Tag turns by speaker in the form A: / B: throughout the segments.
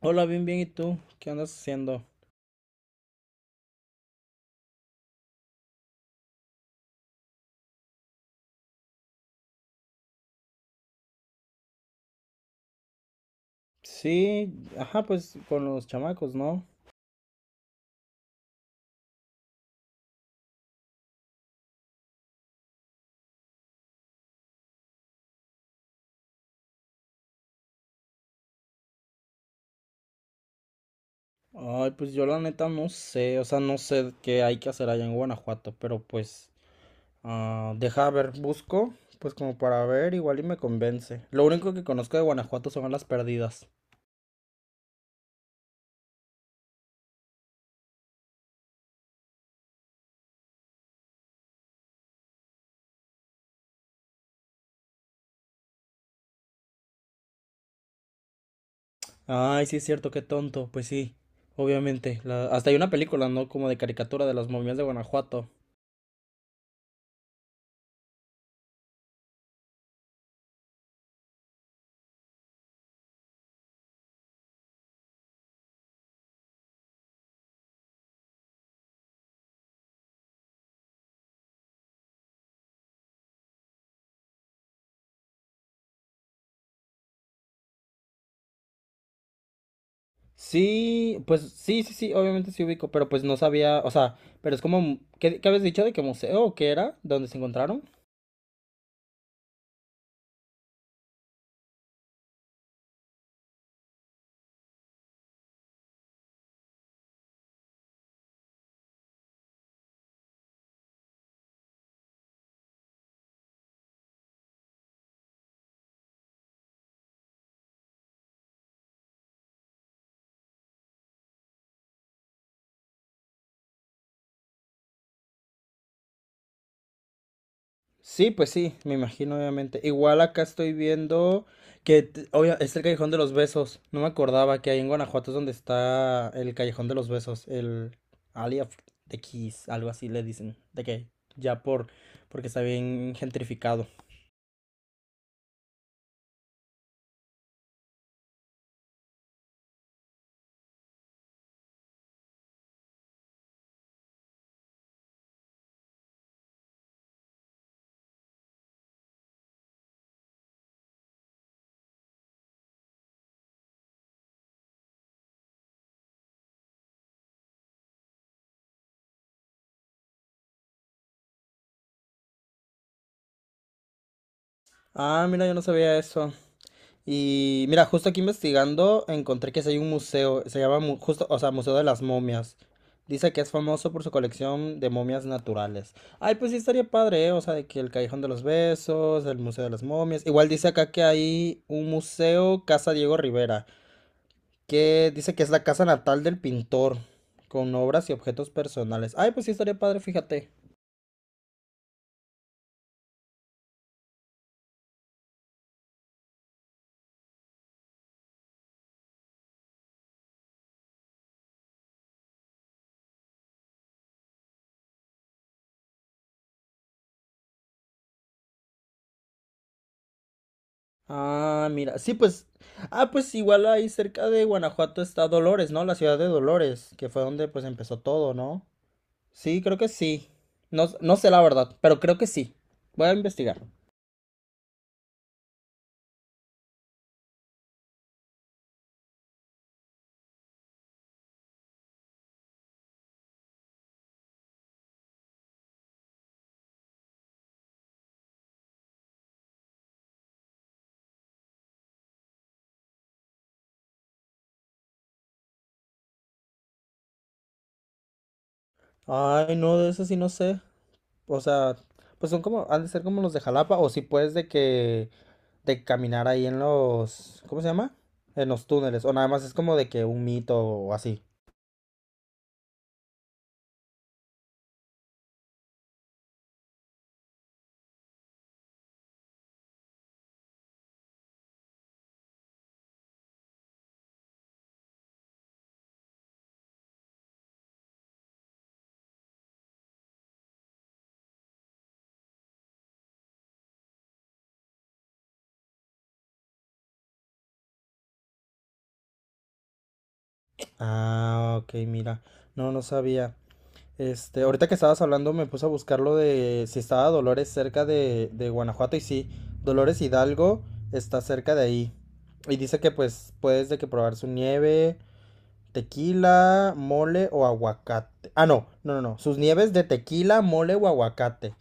A: Hola, bien, bien, ¿y tú? ¿Qué andas haciendo? Sí, ajá, pues con los chamacos, ¿no? Ay, pues yo la neta no sé, o sea, no sé qué hay que hacer allá en Guanajuato, pero pues, ah, deja ver, busco, pues como para ver, igual y me convence. Lo único que conozco de Guanajuato son las perdidas. Ay, sí es cierto, qué tonto, pues sí, obviamente. Hasta hay una película, ¿no? Como de caricatura de las momias de Guanajuato. Sí, pues sí, sí, sí, obviamente sí ubico, pero pues no sabía, o sea, pero es como, ¿qué habías dicho de qué museo o qué era. ¿Dónde se encontraron? Sí, pues sí, me imagino, obviamente. Igual acá estoy viendo que, es el Callejón de los Besos. No me acordaba que ahí en Guanajuato es donde está el Callejón de los Besos, el Alley of the Keys, algo así le dicen, de que ya por, porque está bien gentrificado. Ah, mira, yo no sabía eso. Y mira, justo aquí investigando encontré que sí hay un museo, se llama justo, o sea, Museo de las Momias. Dice que es famoso por su colección de momias naturales. Ay, pues sí estaría padre, ¿eh? O sea, de que el Callejón de los Besos, el Museo de las Momias. Igual dice acá que hay un museo Casa Diego Rivera, que dice que es la casa natal del pintor, con obras y objetos personales. Ay, pues sí estaría padre, fíjate. Ah, mira, sí, pues, ah, pues igual ahí cerca de Guanajuato está Dolores, ¿no? La ciudad de Dolores, que fue donde pues empezó todo, ¿no? Sí, creo que sí. No, no sé la verdad, pero creo que sí. Voy a investigar. Ay, no, de eso sí no sé. O sea, pues son como, han de ser como los de Jalapa, o si puedes de que, de caminar ahí en los, ¿cómo se llama? En los túneles, o nada más es como de que un mito o así. Ah, ok, mira. No, no sabía. Este, ahorita que estabas hablando me puse a buscar lo de si estaba Dolores cerca de, Guanajuato y sí, Dolores Hidalgo está cerca de ahí. Y dice que pues puedes de que probar su nieve, tequila, mole o aguacate. Ah, no, no, no, no, sus nieves de tequila, mole o aguacate.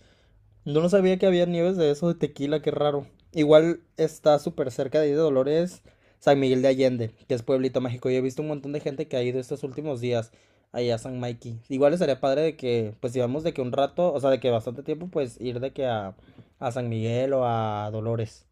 A: Yo no sabía que había nieves de eso de tequila, qué raro. Igual está súper cerca de ahí de Dolores, San Miguel de Allende, que es Pueblito Mágico. Yo he visto un montón de gente que ha ido estos últimos días allá a San Mikey. Igual estaría padre de que, pues si vamos de que un rato, o sea, de que bastante tiempo, pues ir de que a San Miguel o a Dolores.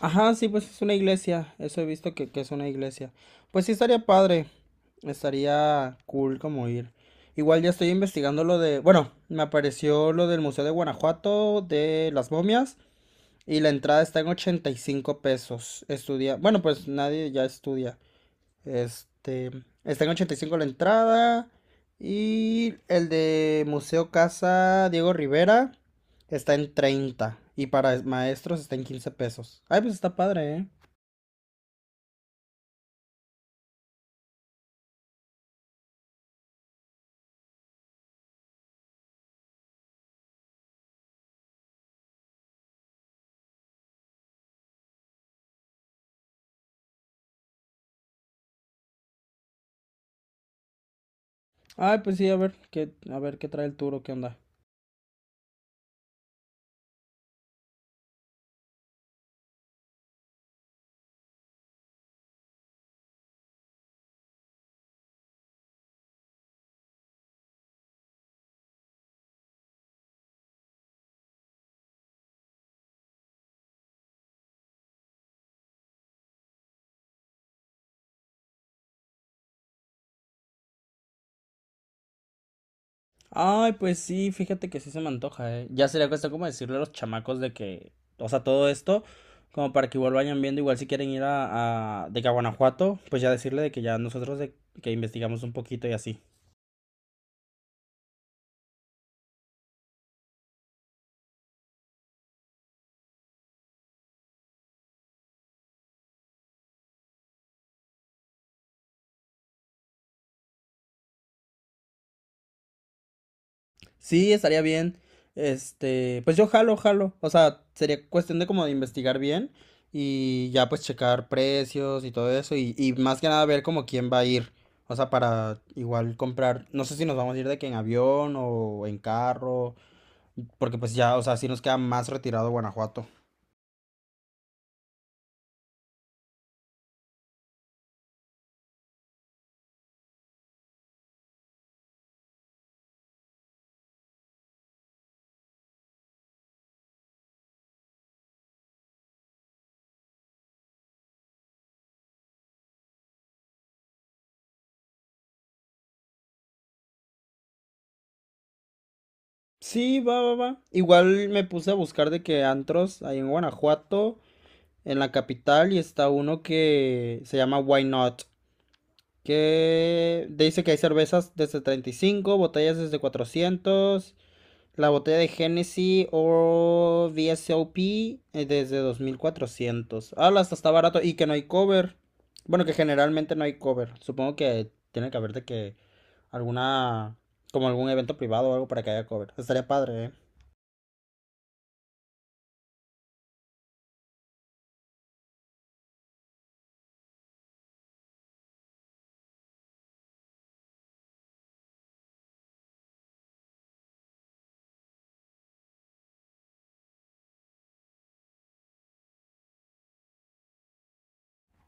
A: Ajá, sí, pues es una iglesia. Eso he visto que es una iglesia. Pues sí, estaría padre. Estaría cool como ir. Igual ya estoy investigando lo de... Bueno, me apareció lo del Museo de Guanajuato, de las momias, y la entrada está en 85 pesos. Estudia... Bueno, pues nadie ya estudia. Este, está en 85 la entrada. Y el de Museo Casa Diego Rivera está en 30. Y para maestros está en 15 pesos. Ay, pues está padre, ¿eh? Ay, pues sí, a ver qué trae el turo, qué onda. Ay, pues sí, fíjate que sí se me antoja, ¿eh? Ya sería cuestión como decirle a los chamacos de que, o sea, todo esto, como para que igual vayan viendo, igual si quieren ir de que a Guanajuato, pues ya decirle de que ya nosotros de que investigamos un poquito y así. Sí, estaría bien. Este, pues yo jalo, jalo. O sea, sería cuestión de como de investigar bien y ya pues checar precios y todo eso y más que nada ver como quién va a ir. O sea, para igual comprar, no sé si nos vamos a ir de que en avión o en carro, porque pues ya, o sea, sí nos queda más retirado Guanajuato. Sí, va, va, va. Igual me puse a buscar de que antros ahí en Guanajuato, en la capital, y está uno que se llama Why Not. Que dice que hay cervezas desde 35, botellas desde 400 la botella de Genesis o VSOP, desde 2400. Ah, hasta está barato y que no hay cover. Bueno, que generalmente no hay cover. Supongo que tiene que haber de que alguna, como algún evento privado o algo para que haya cover. Estaría padre, ¿eh?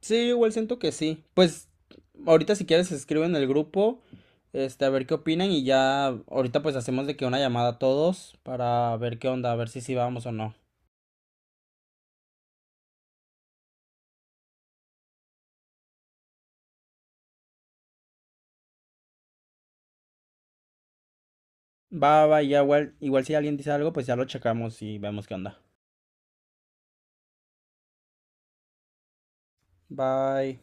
A: Sí, yo igual siento que sí. Pues ahorita si quieres escribe en el grupo, este, a ver qué opinan y ya ahorita pues hacemos de que una llamada a todos para ver qué onda, a ver si sí vamos o no. Va, va, ya igual, igual si alguien dice algo, pues ya lo checamos y vemos qué onda. Bye.